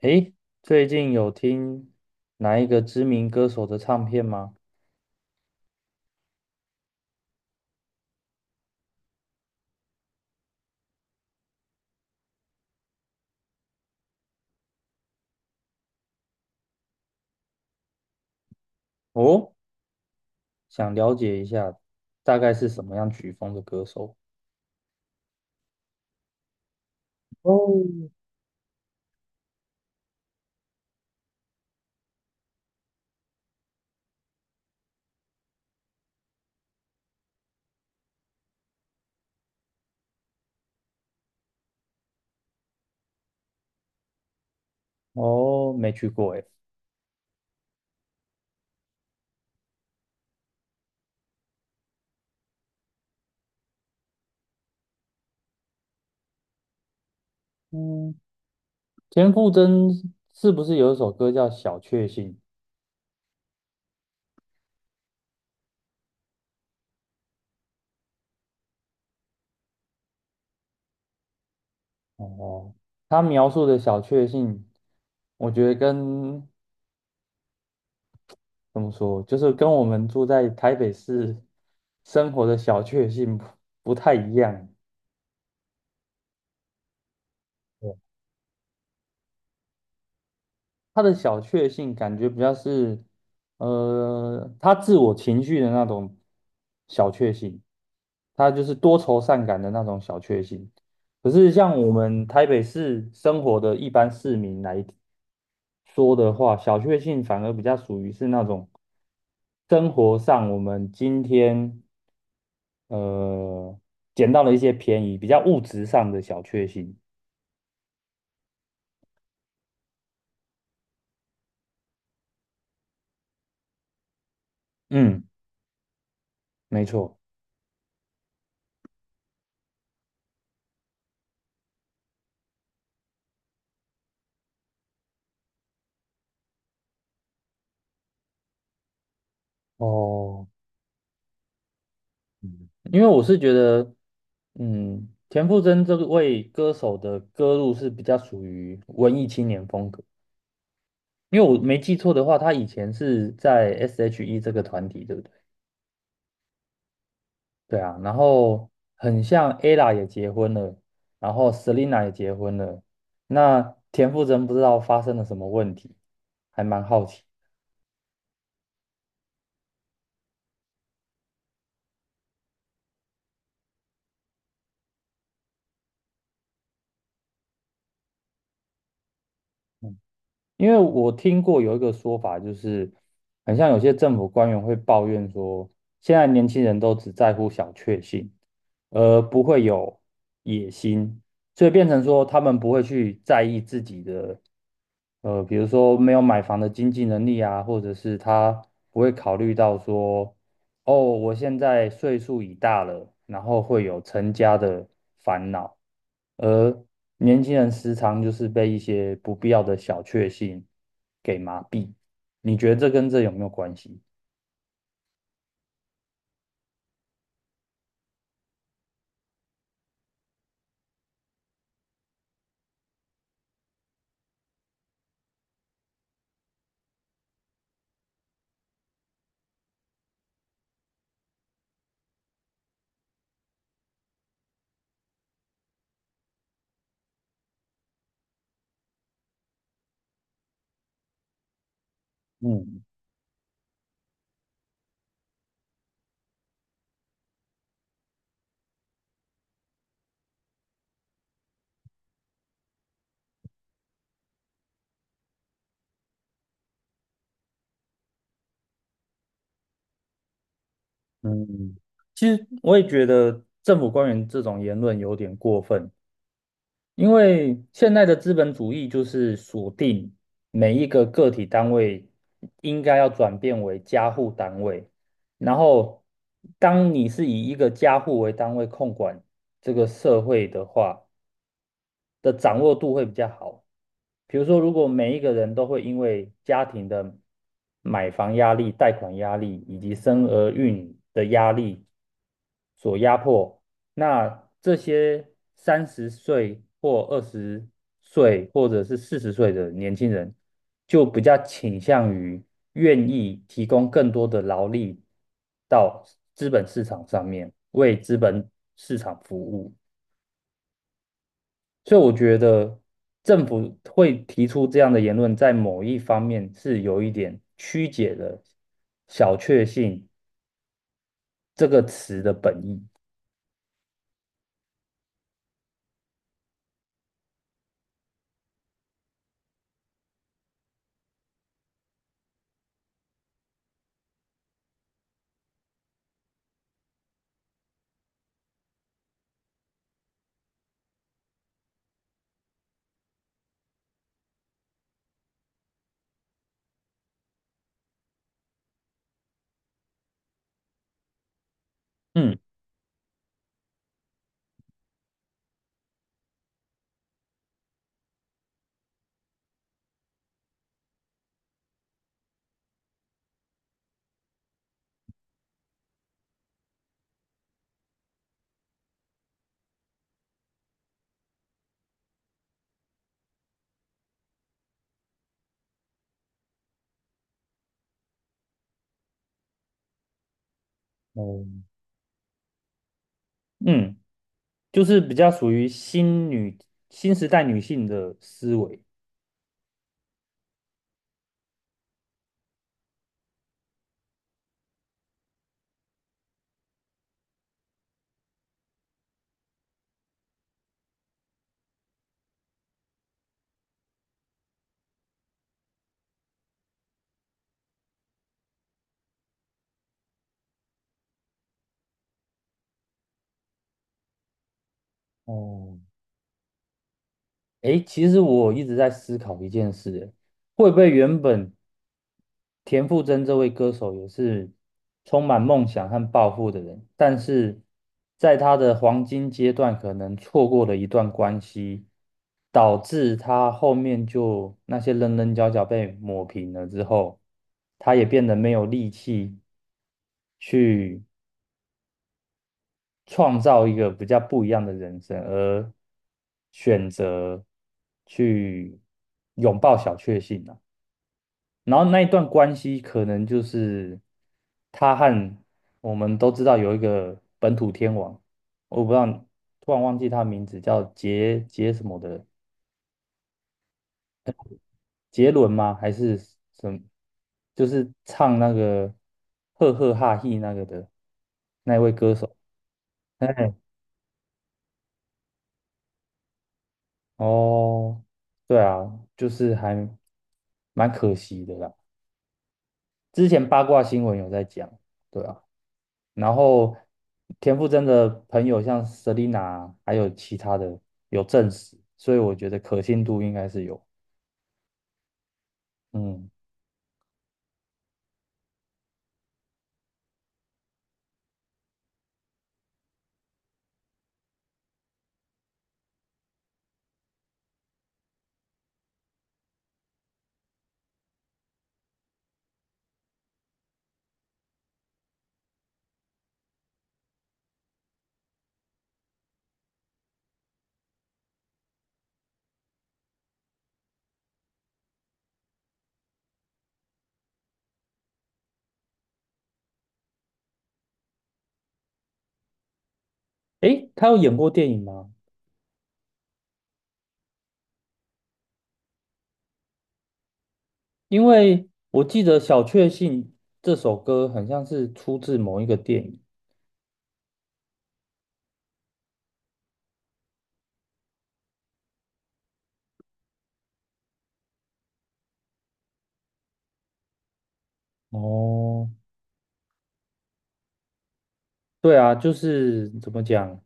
诶，最近有听哪一个知名歌手的唱片吗？哦，想了解一下，大概是什么样曲风的歌手？哦，哦，没去过诶。嗯，田馥甄是不是有一首歌叫《小确幸》？哦，他描述的小确幸，我觉得跟怎么说，就是跟我们住在台北市生活的小确幸不太一样。他的小确幸感觉比较是，他自我情绪的那种小确幸，他就是多愁善感的那种小确幸。可是像我们台北市生活的一般市民来说的话，小确幸反而比较属于是那种生活上我们今天呃捡到了一些便宜，比较物质上的小确幸。嗯，没错。哦。嗯，因为我是觉得，嗯，田馥甄这位歌手的歌路是比较属于文艺青年风格。因为我没记错的话，他以前是在 S.H.E 这个团体，对不对？对啊，然后很像 ella 也结婚了，然后 Selina 也结婚了，那田馥甄不知道发生了什么问题，还蛮好奇。因为我听过有一个说法，就是很像有些政府官员会抱怨说，现在年轻人都只在乎小确幸，而不会有野心，所以变成说他们不会去在意自己的，比如说没有买房的经济能力啊，或者是他不会考虑到说，哦，我现在岁数已大了，然后会有成家的烦恼，而年轻人时常就是被一些不必要的小确幸给麻痹。你觉得这跟这有没有关系？嗯嗯，其实我也觉得政府官员这种言论有点过分，因为现在的资本主义就是锁定每一个个体单位应该要转变为家户单位，然后当你是以一个家户为单位控管这个社会的话，的掌握度会比较好。比如说，如果每一个人都会因为家庭的买房压力、贷款压力以及生儿育女的压力所压迫，那这些30岁或20岁或者是40岁的年轻人，就比较倾向于愿意提供更多的劳力到资本市场上面，为资本市场服务。所以我觉得政府会提出这样的言论，在某一方面是有一点曲解了"小确幸"这个词的本意。嗯哦，嗯，就是比较属于新时代女性的思维。哦，诶，其实我一直在思考一件事，诶会不会原本田馥甄这位歌手也是充满梦想和抱负的人，但是在他的黄金阶段，可能错过了一段关系，导致他后面就那些棱棱角角被抹平了之后，他也变得没有力气去创造一个比较不一样的人生，而选择去拥抱小确幸啊。然后那一段关系可能就是他和我们都知道有一个本土天王，我不知道，突然忘记他名字叫杰杰什么的，杰伦吗？还是什么就是唱那个赫赫哈嘿那个的那一位歌手。哦，对啊，就是还蛮可惜的啦。之前八卦新闻有在讲，对啊，然后田馥甄的朋友像 Selina 还有其他的有证实，所以我觉得可信度应该是有。嗯，诶，他有演过电影吗？因为我记得《小确幸》这首歌很像是出自某一个电影。哦，对啊，就是怎么讲？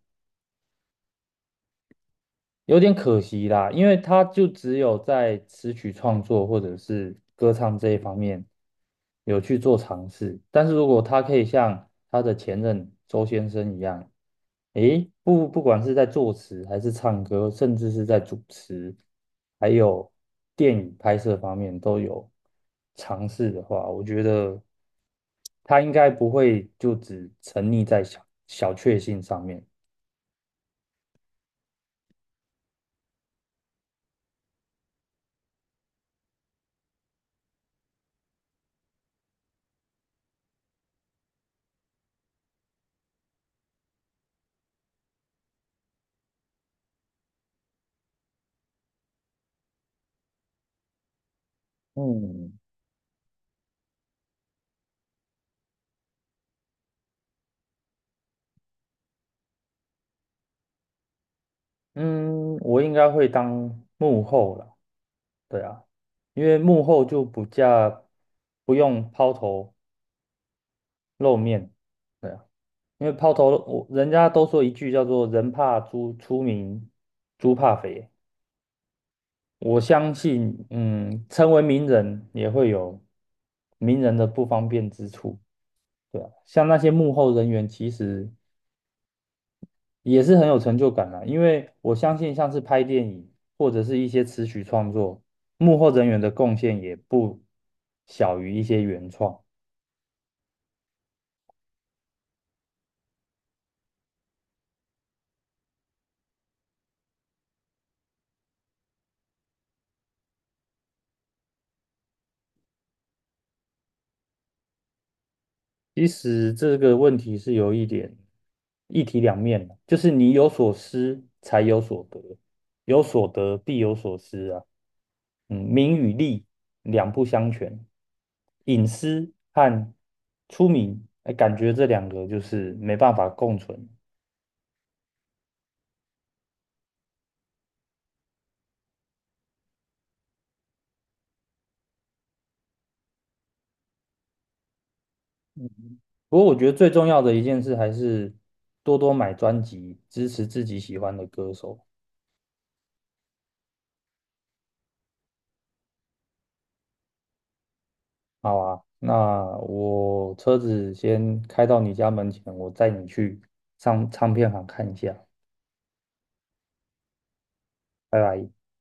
有点可惜啦，因为他就只有在词曲创作或者是歌唱这一方面有去做尝试，但是如果他可以像他的前任周先生一样，诶，不管是在作词还是唱歌，甚至是在主持，还有电影拍摄方面都有尝试的话，我觉得他应该不会就只沉溺在小确幸上面。嗯，嗯，我应该会当幕后了，对啊，因为幕后就不用抛头露面，对啊，因为抛头露我人家都说一句叫做"人怕猪出名，猪怕肥"，我相信，嗯，成为名人也会有名人的不方便之处，对啊，像那些幕后人员，其实也是很有成就感啦，因为我相信像是拍电影或者是一些词曲创作，幕后人员的贡献也不小于一些原创。其实这个问题是有一点一体两面的，就是你有所失才有所得，有所得必有所失啊。嗯，名与利两不相全，隐私和出名，哎，感觉这两个就是没办法共存。不过我觉得最重要的一件事还是多多买专辑，支持自己喜欢的歌手。好吧？那我车子先开到你家门前，我载你去唱唱片行看一下。